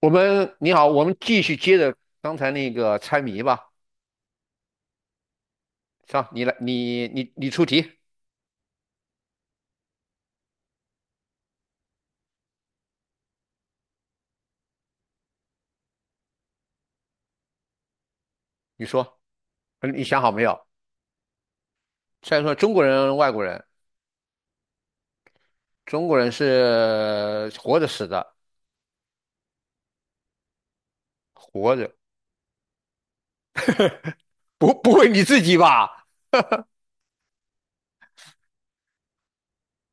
你好，我们继续接着刚才那个猜谜吧。上，你来，你出题，你说，你想好没有？再说中国人、外国人，中国人是活着死的，活着，不会你自己吧？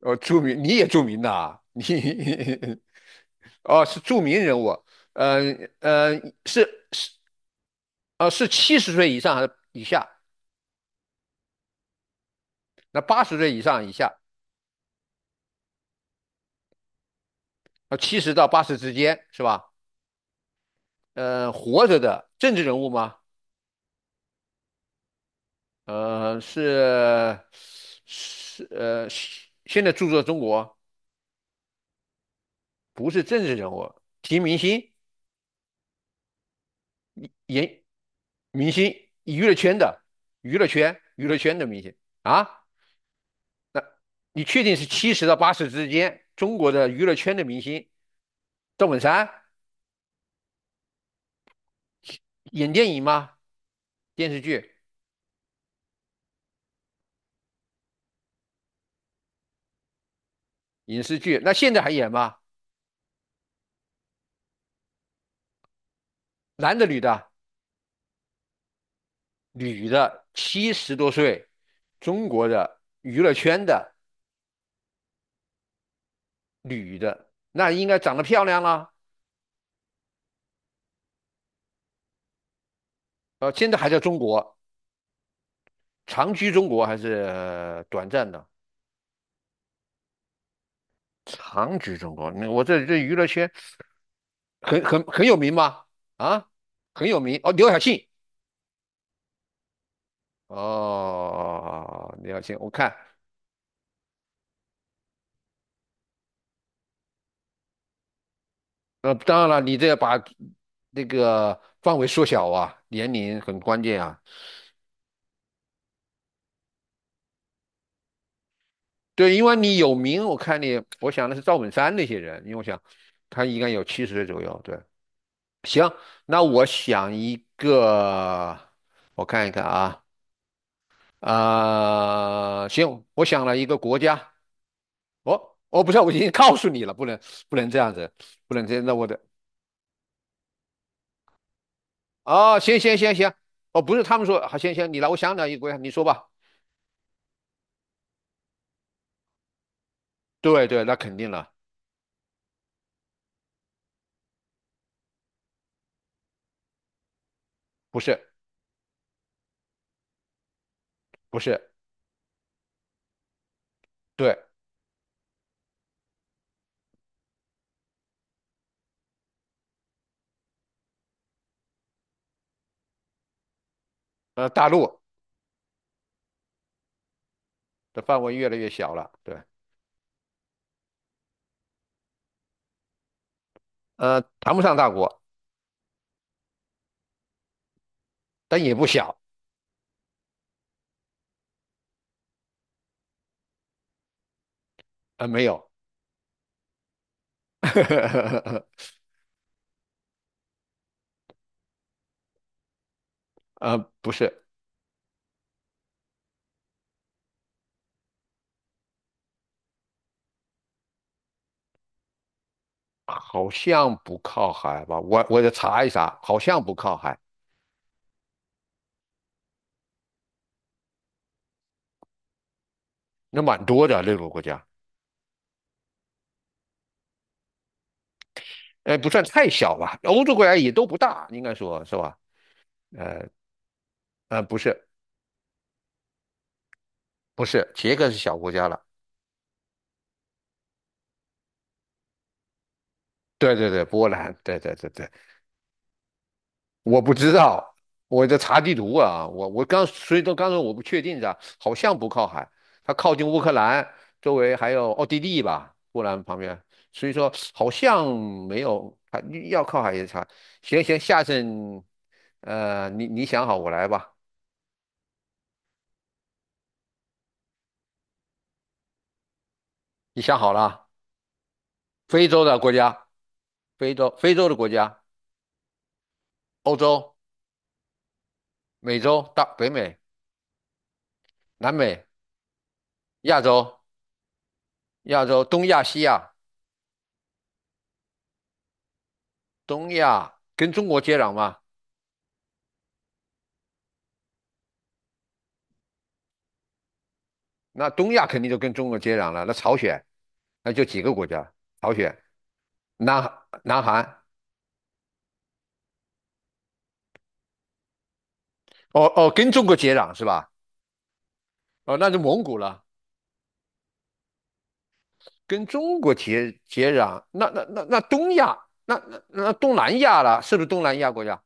哦，著名，你也著名的啊，你 哦是著名人物，呃呃是是是七十岁以上还是以下？那八十岁以上以下，七十到八十之间是吧？活着的政治人物吗？呃，是是现在著作中国不是政治人物，提明星、演明星、娱乐圈的娱乐圈的明星啊，你确定是七十到八十之间中国的娱乐圈的明星？赵本山演电影吗？电视剧、影视剧，那现在还演吗？男的、女的？女的，七十多岁，中国的娱乐圈的女的，那应该长得漂亮了。现在还在中国，长居中国还是短暂的？长居中国，那我这娱乐圈很有名吗？啊，很有名哦，刘晓庆。哦，刘晓庆，我看，当然了，你这把那个范围缩小啊，年龄很关键啊。对，因为你有名，我看你，我想的是赵本山那些人，因为我想他应该有七十岁左右。对，行，那我想一个，我看一看啊。行，我想了一个国家，哦，哦，不是，我已经告诉你了，不能这样子，不能这样，那我的啊、行行行行，哦，不是，他们说，好，行行，你来，我想了一个国家，你说吧。对对，那肯定了，不是不是，对，大陆的范围越来越小了，对，谈不上大国，但也不小，没有，不是，好像不靠海吧？我得查一查，好像不靠海，那蛮多的那个国家。不算太小吧，欧洲国家也都不大，应该说是吧？呃不是不是，捷克是小国家了，对对对，波兰，对对对对，我不知道，我在查地图啊，我我刚所以说刚才我不确定的，好像不靠海，它靠近乌克兰，周围还有奥地利吧，波兰旁边，所以说好像没有，还要靠海也查，行行，下次你想好我来吧，你想好了，非洲的国家，非洲的国家。欧洲、美洲、大北美、南美、亚洲、亚洲、东亚、西亚、东亚跟中国接壤嘛？那东亚肯定就跟中国接壤了。那朝鲜，那就几个国家：朝鲜、南南韩。哦哦，跟中国接壤是吧？哦，那就蒙古了，跟中国接壤。那东亚，那东南亚了，是不是东南亚国家？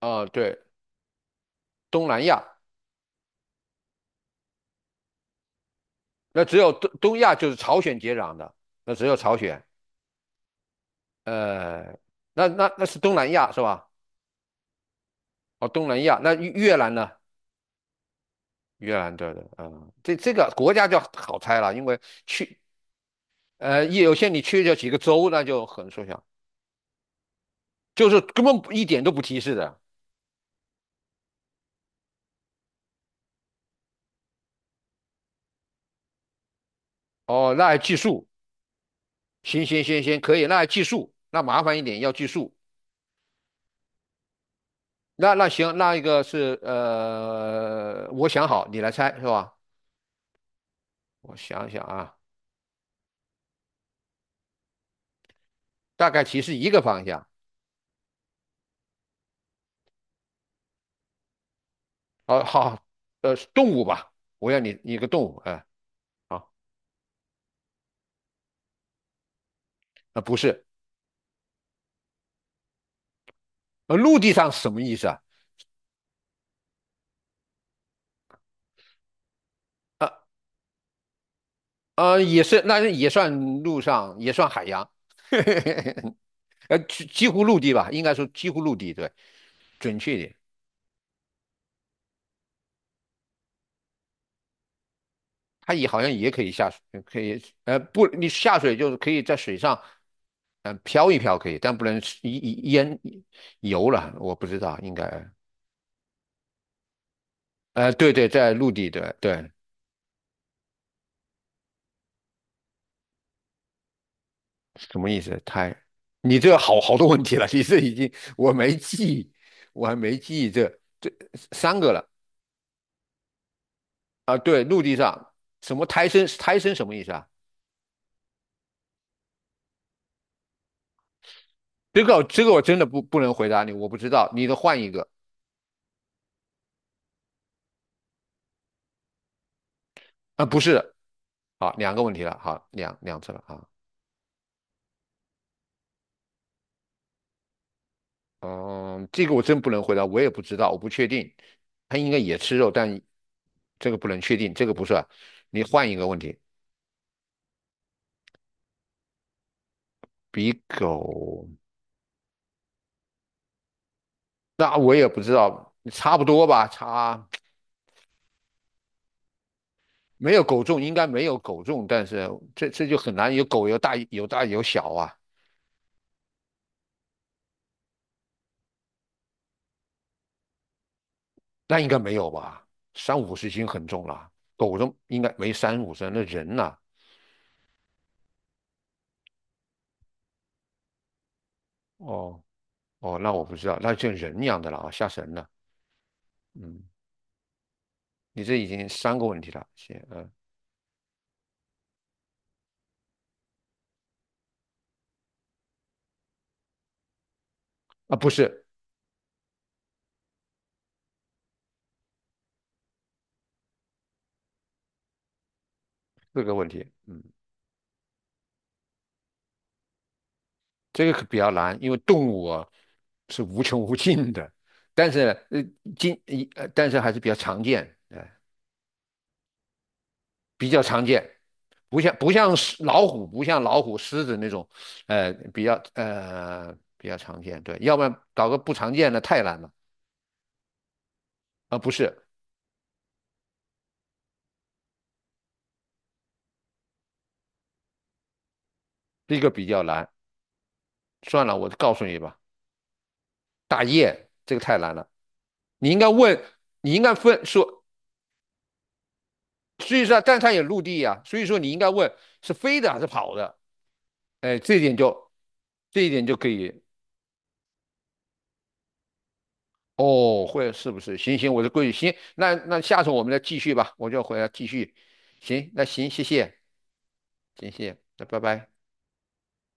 对，东南亚，那只有东亚就是朝鲜接壤的，那只有朝鲜。呃，那是东南亚是吧？哦，东南亚，那越南呢？越南对的，嗯，这个国家就好猜了，因为去也有些你去这几个州，那就很缩小，就是根本不一点都不提示的。哦，那还计数，行行行行，可以，那还计数，那麻烦一点要计数。那行，那一个是我想好，你来猜是吧？我想想啊，大概提示一个方向。哦，好，动物吧，我要你一个动物，哎、好。啊不是，陆地上什么意思啊？呃也是，那也算陆上，也算海洋，几乎陆地吧，应该说几乎陆地，对，准确一点，它也好像也可以下水，可以，不，你下水就是可以在水上，嗯、漂一漂可以，但不能一淹游了，我不知道，应该，对对，在陆地，对对，什么意思？胎？你这好多问题了，你这已经我没记忆我还没记忆这三个了啊。对，陆地上什么胎生？胎生什么意思啊？这个我真的不能回答你，我不知道。你得换一个啊，不是，好，两个问题了，好，两次了啊。嗯，这个我真不能回答，我也不知道，我不确定。它应该也吃肉，但这个不能确定，这个不是。你换一个问题，比狗，那我也不知道，差不多吧，差。没有狗重，应该没有狗重，但是这就很难有狗有大有大有小啊，那应该没有吧？三五十斤很重了，狗重应该没三五十，那人呐、哦哦，那我不知道，那就人一样的了啊，吓神了。嗯，你这已经三个问题了，行，嗯啊不是四个问题，嗯，这个可比较难，因为动物啊是无穷无尽的，但是呃今还是比较常见，哎。比较常见，不像老虎，不像老虎、狮子那种，比较比较常见。对，要不然搞个不常见的太难了啊，不是这个比较难。算了，我告诉你吧，大雁这个太难了，你应该问，你应该分说，所以说，但它也陆地呀、所以说你应该问是飞的还是跑的，哎，这一点就可以。哦，会是不是？行行，我的规矩行。那下次我们再继续吧，我就回来继续。行，那行，谢谢。谢谢，那拜拜。